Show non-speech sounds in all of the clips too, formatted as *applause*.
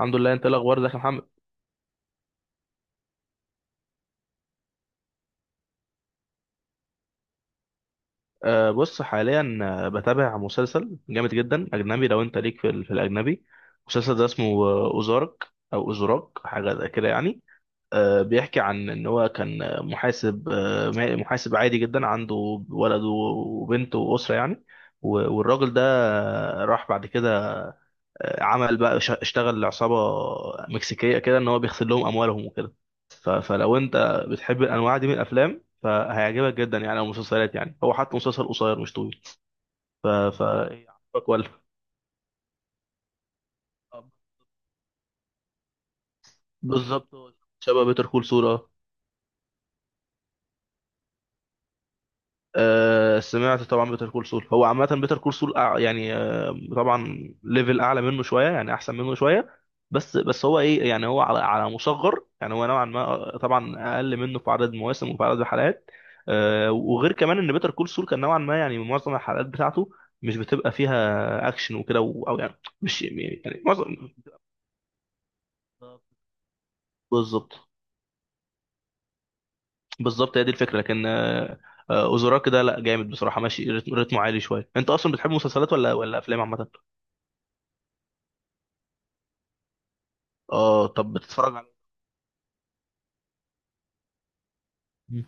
الحمد لله. انت ايه الاخبار؟ ازيك يا محمد؟ بص حاليا، بتابع مسلسل جامد جدا اجنبي. لو انت ليك في الاجنبي، مسلسل ده اسمه اوزارك. او اوزراك، حاجه زي كده يعني. بيحكي عن ان هو كان محاسب، محاسب عادي جدا، عنده ولد وبنت واسره يعني. والراجل ده راح بعد كده عمل بقى، اشتغل لعصابة مكسيكية، كده ان هو بيغسل لهم اموالهم وكده. فلو انت بتحب الانواع دي من الافلام فهيعجبك جدا يعني، او مسلسلات يعني. هو حتى مسلسل قصير مش طويل. ف ف إيه، عجبك ولا؟ بالظبط. هو شبه بيتر كول سول. سمعت طبعا بيتر كول سول. هو عامة بيتر كول سول يعني طبعا ليفل أعلى منه شوية، يعني أحسن منه شوية. بس هو إيه يعني، هو على مصغر يعني، هو نوعا ما طبعا أقل منه في عدد مواسم وفي عدد حلقات. وغير كمان إن بيتر كول سول كان نوعا ما يعني معظم الحلقات بتاعته مش بتبقى فيها أكشن وكده أو، يعني مش يعني معظم. بالظبط. بالظبط هي دي الفكرة، لكن أوزوراك ده لا جامد بصراحة، ماشي رتمه عالي شوية. أنت أصلا بتحب مسلسلات ولا أفلام عامة؟ اه. طب بتتفرج على؟ مم.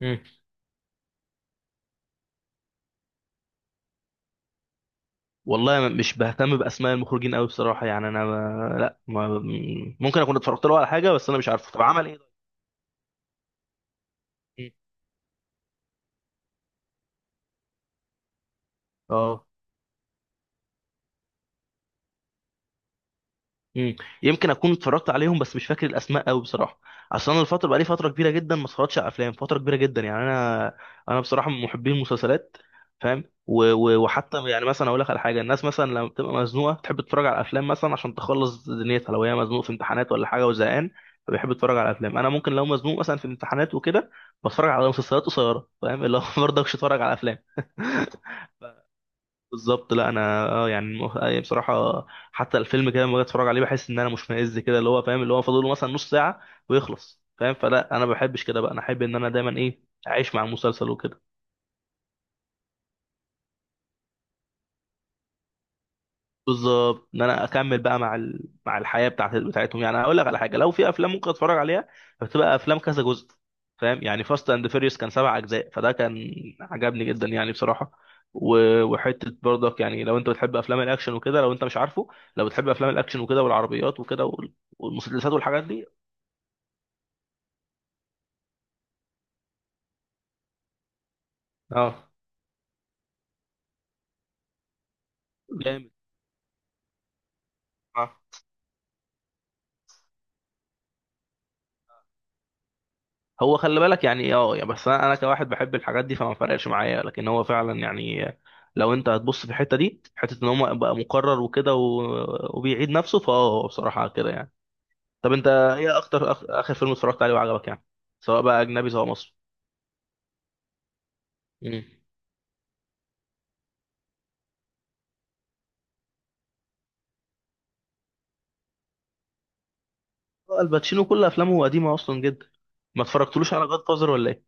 مم. والله مش بهتم باسماء المخرجين قوي بصراحه يعني، انا ما... لا ما... ممكن اكون اتفرجت له على حاجه، بس انا مش عارفه. طب عمل ايه طيب؟ مم. اه. مم. يمكن اكون اتفرجت عليهم بس مش فاكر الاسماء قوي بصراحه. اصل انا الفتره، بقالي فتره كبيره جدا ما اتفرجتش على افلام، فتره كبيره جدا يعني انا. بصراحه من محبين المسلسلات، فاهم. وحتى يعني مثلا اقول لك على حاجه، الناس مثلا لما بتبقى مزنوقه تحب تتفرج على افلام مثلا عشان تخلص دنيتها، لو هي مزنوقه في امتحانات ولا حاجه وزهقان فبيحب يتفرج على افلام. انا ممكن لو مزنوق مثلا في امتحانات وكده بتفرج على مسلسلات قصيره، فاهم اللي هو، *laughs* برضه مش اتفرج على افلام. *laughs* بالظبط. لا انا اه يعني بصراحه حتى الفيلم كده لما باجي اتفرج عليه بحس ان انا مشمئز كده، اللي هو فاهم، اللي هو فاضل له مثلا نص ساعه ويخلص، فاهم. فلا انا ما بحبش كده بقى، انا احب ان انا دايما ايه، اعيش مع المسلسل وكده. بالظبط، ان انا اكمل بقى مع الحياه بتاعتهم يعني. هقول لك على حاجه، لو في افلام ممكن اتفرج عليها بتبقى افلام كذا جزء، فاهم يعني. فاست اند فيريوس كان سبع اجزاء، فده كان عجبني جدا يعني بصراحه. و... وحته برضك يعني، لو انت بتحب افلام الاكشن وكده، لو انت مش عارفه، لو بتحب افلام الاكشن وكده والعربيات وكده والمسدسات والحاجات دي. اه جامد. هو خلي بالك يعني، اه يعني بس انا كواحد بحب الحاجات دي فما فرقش معايا، لكن هو فعلا يعني، لو انت هتبص في الحته دي حته ان هو بقى مكرر وكده وبيعيد نفسه، فاه بصراحه كده يعني. طب انت ايه اكتر اخر فيلم اتفرجت عليه وعجبك يعني، سواء بقى اجنبي سواء مصري؟ امم. الباتشينو كل افلامه قديمه اصلا جدا. ما اتفرجتلوش على جاد فازر ولا ايه؟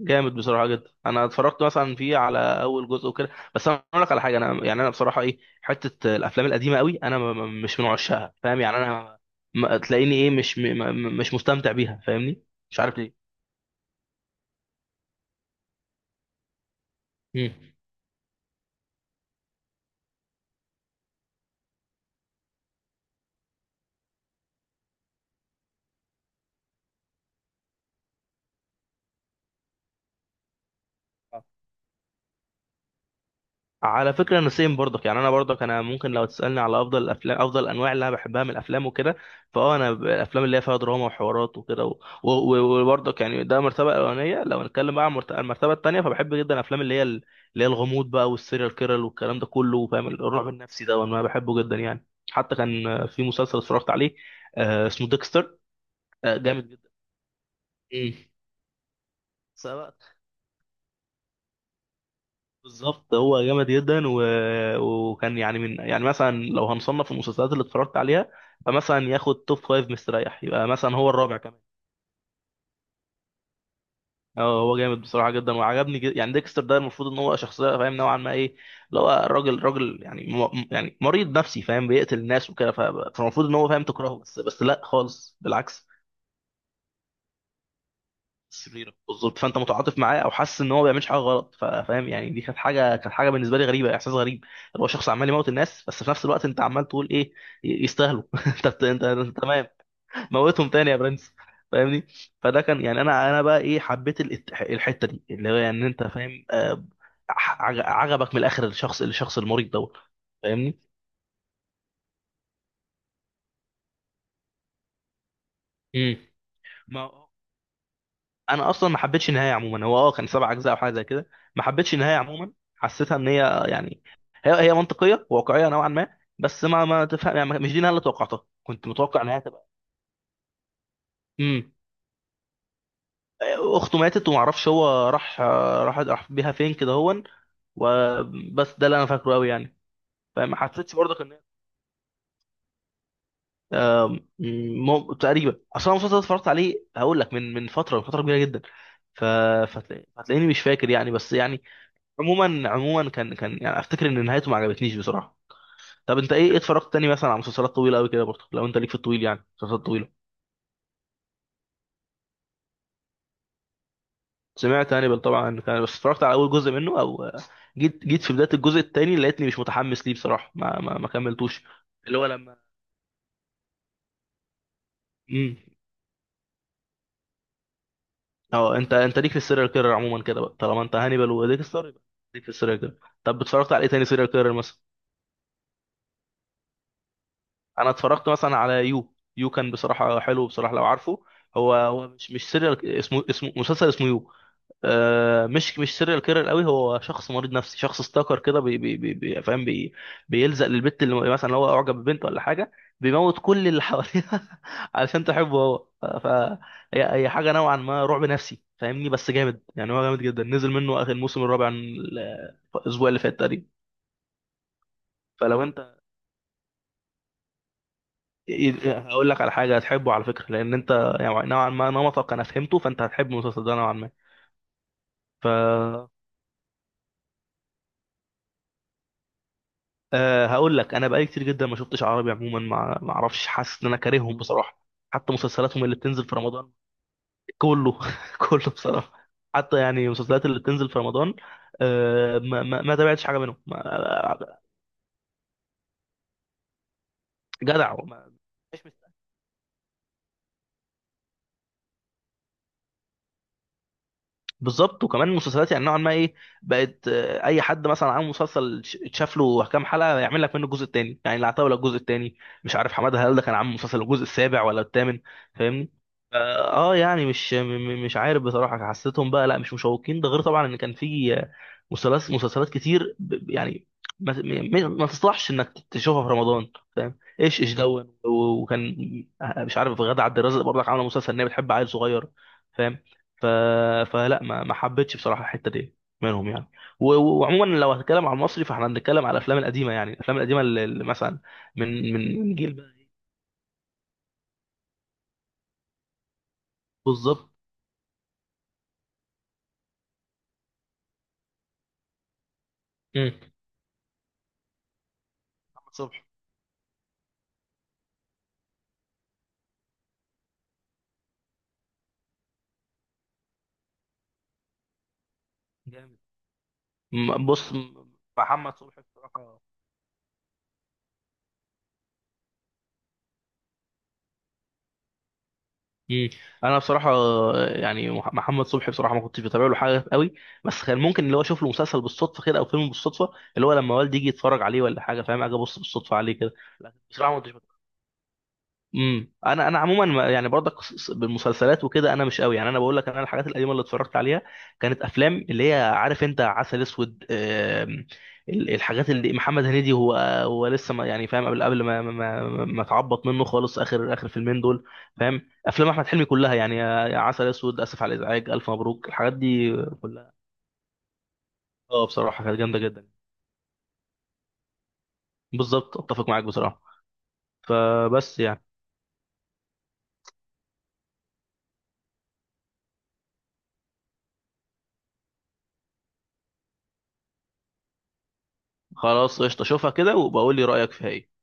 جامد بصراحه جدا، انا اتفرجت مثلا فيه على اول جزء وكده. بس انا اقول لك على حاجه، انا يعني انا بصراحه ايه، حته الافلام القديمه قوي انا مش من عشاقها، فاهم يعني انا ما تلاقيني ايه، مش م- م- مش مستمتع بيها، فاهمني. مش عارف ليه. مم. على فكرة انا سيم برضك يعني، انا برضك انا ممكن لو تسألني على افضل الافلام، افضل الانواع اللي انا بحبها من الافلام وكده، فاه انا الافلام اللي هي فيها دراما وحوارات وكده و- و- وبرضك يعني، ده المرتبة الاولانية. لو نتكلم بقى عن المرتبة التانية فبحب جدا الافلام اللي هي اللي هي الغموض بقى والسيريال كيرل والكلام ده كله، فاهم، الرعب النفسي ده وانا بحبه جدا يعني. حتى كان في مسلسل اتفرجت عليه، اسمه ديكستر. جامد جدا. مم. سواء. بالظبط، هو جامد جدا. وكان يعني من، يعني مثلا لو هنصنف المسلسلات اللي اتفرجت عليها فمثلا ياخد توب فايف مستريح، يبقى مثلا هو الرابع كمان. اه هو جامد بصراحه جدا وعجبني جدا يعني. ديكستر ده المفروض ان هو شخصيه، فاهم، نوعا ما ايه، اللي هو راجل راجل يعني، يعني مريض نفسي، فاهم، بيقتل الناس وكده. فالمفروض ان هو، فاهم، تكرهه، بس لا خالص، بالعكس. شريره، بالظبط. فانت متعاطف معاه او حاسس ان هو ما بيعملش حاجه غلط، فاهم يعني. دي كانت حاجه، بالنسبه لي غريبه، احساس غريب. اللي هو شخص عمال يموت الناس، بس في نفس الوقت انت عمال تقول ايه، يستاهلوا. *laughs* انت أنت تمام، موتهم تاني يا برنس، فاهمني. فده كان يعني، انا بقى ايه، حبيت الحته دي، اللي هو يعني انت فاهم، عجبك من الاخر الشخص المريض دوت، فاهمني. امم. انا اصلا ما حبيتش النهايه عموما. هو اه كان سبع اجزاء او حاجه زي كده. ما حبيتش النهايه عموما، حسيتها ان هي يعني هي منطقيه واقعيه نوعا ما، بس ما تفهم يعني، مش دي النهايه اللي توقعتها. كنت متوقع انها تبقى. امم. اخته ماتت وما اعرفش هو راح آه، راح راح بيها فين كده، هون. وبس ده اللي انا فاكره قوي يعني. فما حسيتش برضك ان تقريبا اصلا المسلسل ده اتفرجت عليه، هقول لك، من من فتره، من فتره كبيره جدا. ف... فتلاقيني مش فاكر يعني، بس يعني عموما كان يعني افتكر ان نهايته ما عجبتنيش بصراحه. طب انت ايه اتفرجت تاني مثلا على مسلسلات طويله قوي كده برضه؟ لو انت ليك في الطويل، يعني مسلسلات طويله. سمعت هانيبال طبعا، كان بس اتفرجت على اول جزء منه، او جيت في بدايه الجزء التاني لقيتني مش متحمس ليه بصراحه، ما كملتوش. اللي هو لما. امم. اه انت ليك في السيريال كيرر عموما كده بقى، طالما انت هانيبال وديكستر يبقى ليك في السيريال كيرر. طب اتفرجت على ايه تاني سيريال كيرر مثلا؟ انا اتفرجت مثلا على يو. يو كان بصراحه حلو بصراحه، لو عارفه. هو مش سيريال، اسمه مسلسل، اسمه يو. مش سيريال كيرر قوي، هو شخص مريض نفسي، شخص ستاكر كده، فاهم، بيلزق للبت اللي، مثلا لو هو اعجب ببنت ولا حاجه بيموت كل اللي حواليها *laughs* علشان تحبه هو. هي هي حاجه نوعا ما رعب نفسي، فاهمني، بس جامد يعني. هو جامد جدا، نزل منه اخر الموسم الرابع الاسبوع اللي فات تقريبا. فلو انت هقول لك على حاجه هتحبه على فكره، لان انت يعني نوعا ما نمطك انا فهمته، فانت هتحب المسلسل ده نوعا ما. ف هقول لك، انا بقالي كتير جدا ما شفتش عربي عموما، ما اعرفش، حاسس ان انا كارههم بصراحه. حتى مسلسلاتهم اللي بتنزل في رمضان. كله. *laughs* كله بصراحه. حتى يعني المسلسلات اللي بتنزل في رمضان. ما تابعتش حاجه منهم. ما جدع، ما مش مستاهل. بالظبط. وكمان المسلسلات يعني نوعا ما ايه، بقت اي حد مثلا عامل مسلسل، اتشاف له كام حلقه يعمل لك منه الجزء الثاني، يعني العتاوله الجزء الثاني. مش عارف حماده هلال ده كان عامل مسلسل الجزء السابع ولا الثامن، فاهمني. اه. يعني مش م- م- مش عارف بصراحه، حسيتهم بقى لا مش مشوقين. ده غير طبعا ان كان في مسلسلات كتير يعني ما تصلحش انك تشوفها في رمضان، فاهم. ايش ايش دون وكان مش عارف غادة عبد الرازق برضك عامله مسلسل ان هي بتحب عيل صغير، فاهم. ف... فلا ما حبيتش بصراحه الحته دي منهم يعني. وعموما لو هتكلم على المصري فاحنا هنتكلم على الافلام القديمه يعني، الافلام القديمه اللي مثلا من جيل بقى. بالظبط. مم. محمد صبحي. جامد. بص. محمد صبحي بصراحه. مم. انا بصراحه يعني، محمد صبحي بصراحه ما كنتش بتابع له حاجه قوي، بس كان ممكن اللي هو اشوف له مسلسل بالصدفه كده، او فيلم بالصدفه، اللي هو لما والدي يجي يتفرج عليه ولا حاجه فاهم، اجي ابص بالصدفه عليه كده. لكن بصراحه ما كنتش. امم. انا عموما يعني برضك بالمسلسلات وكده انا مش قوي يعني. انا بقول لك، انا الحاجات القديمه اللي اتفرجت عليها كانت افلام، اللي هي عارف انت، عسل اسود، الحاجات اللي محمد هنيدي. هو هو لسه ما يعني، فاهم، قبل ما اتعبط منه خالص، اخر فيلمين دول، فاهم، افلام احمد حلمي كلها يعني عسل اسود، اسف على الازعاج، الف مبروك، الحاجات دي كلها. اه بصراحه كانت جامده جدا. بالظبط اتفق معاك بصراحه. فبس يعني. خلاص قشطه، شوفها كده وبقول لي رايك فيها ايه.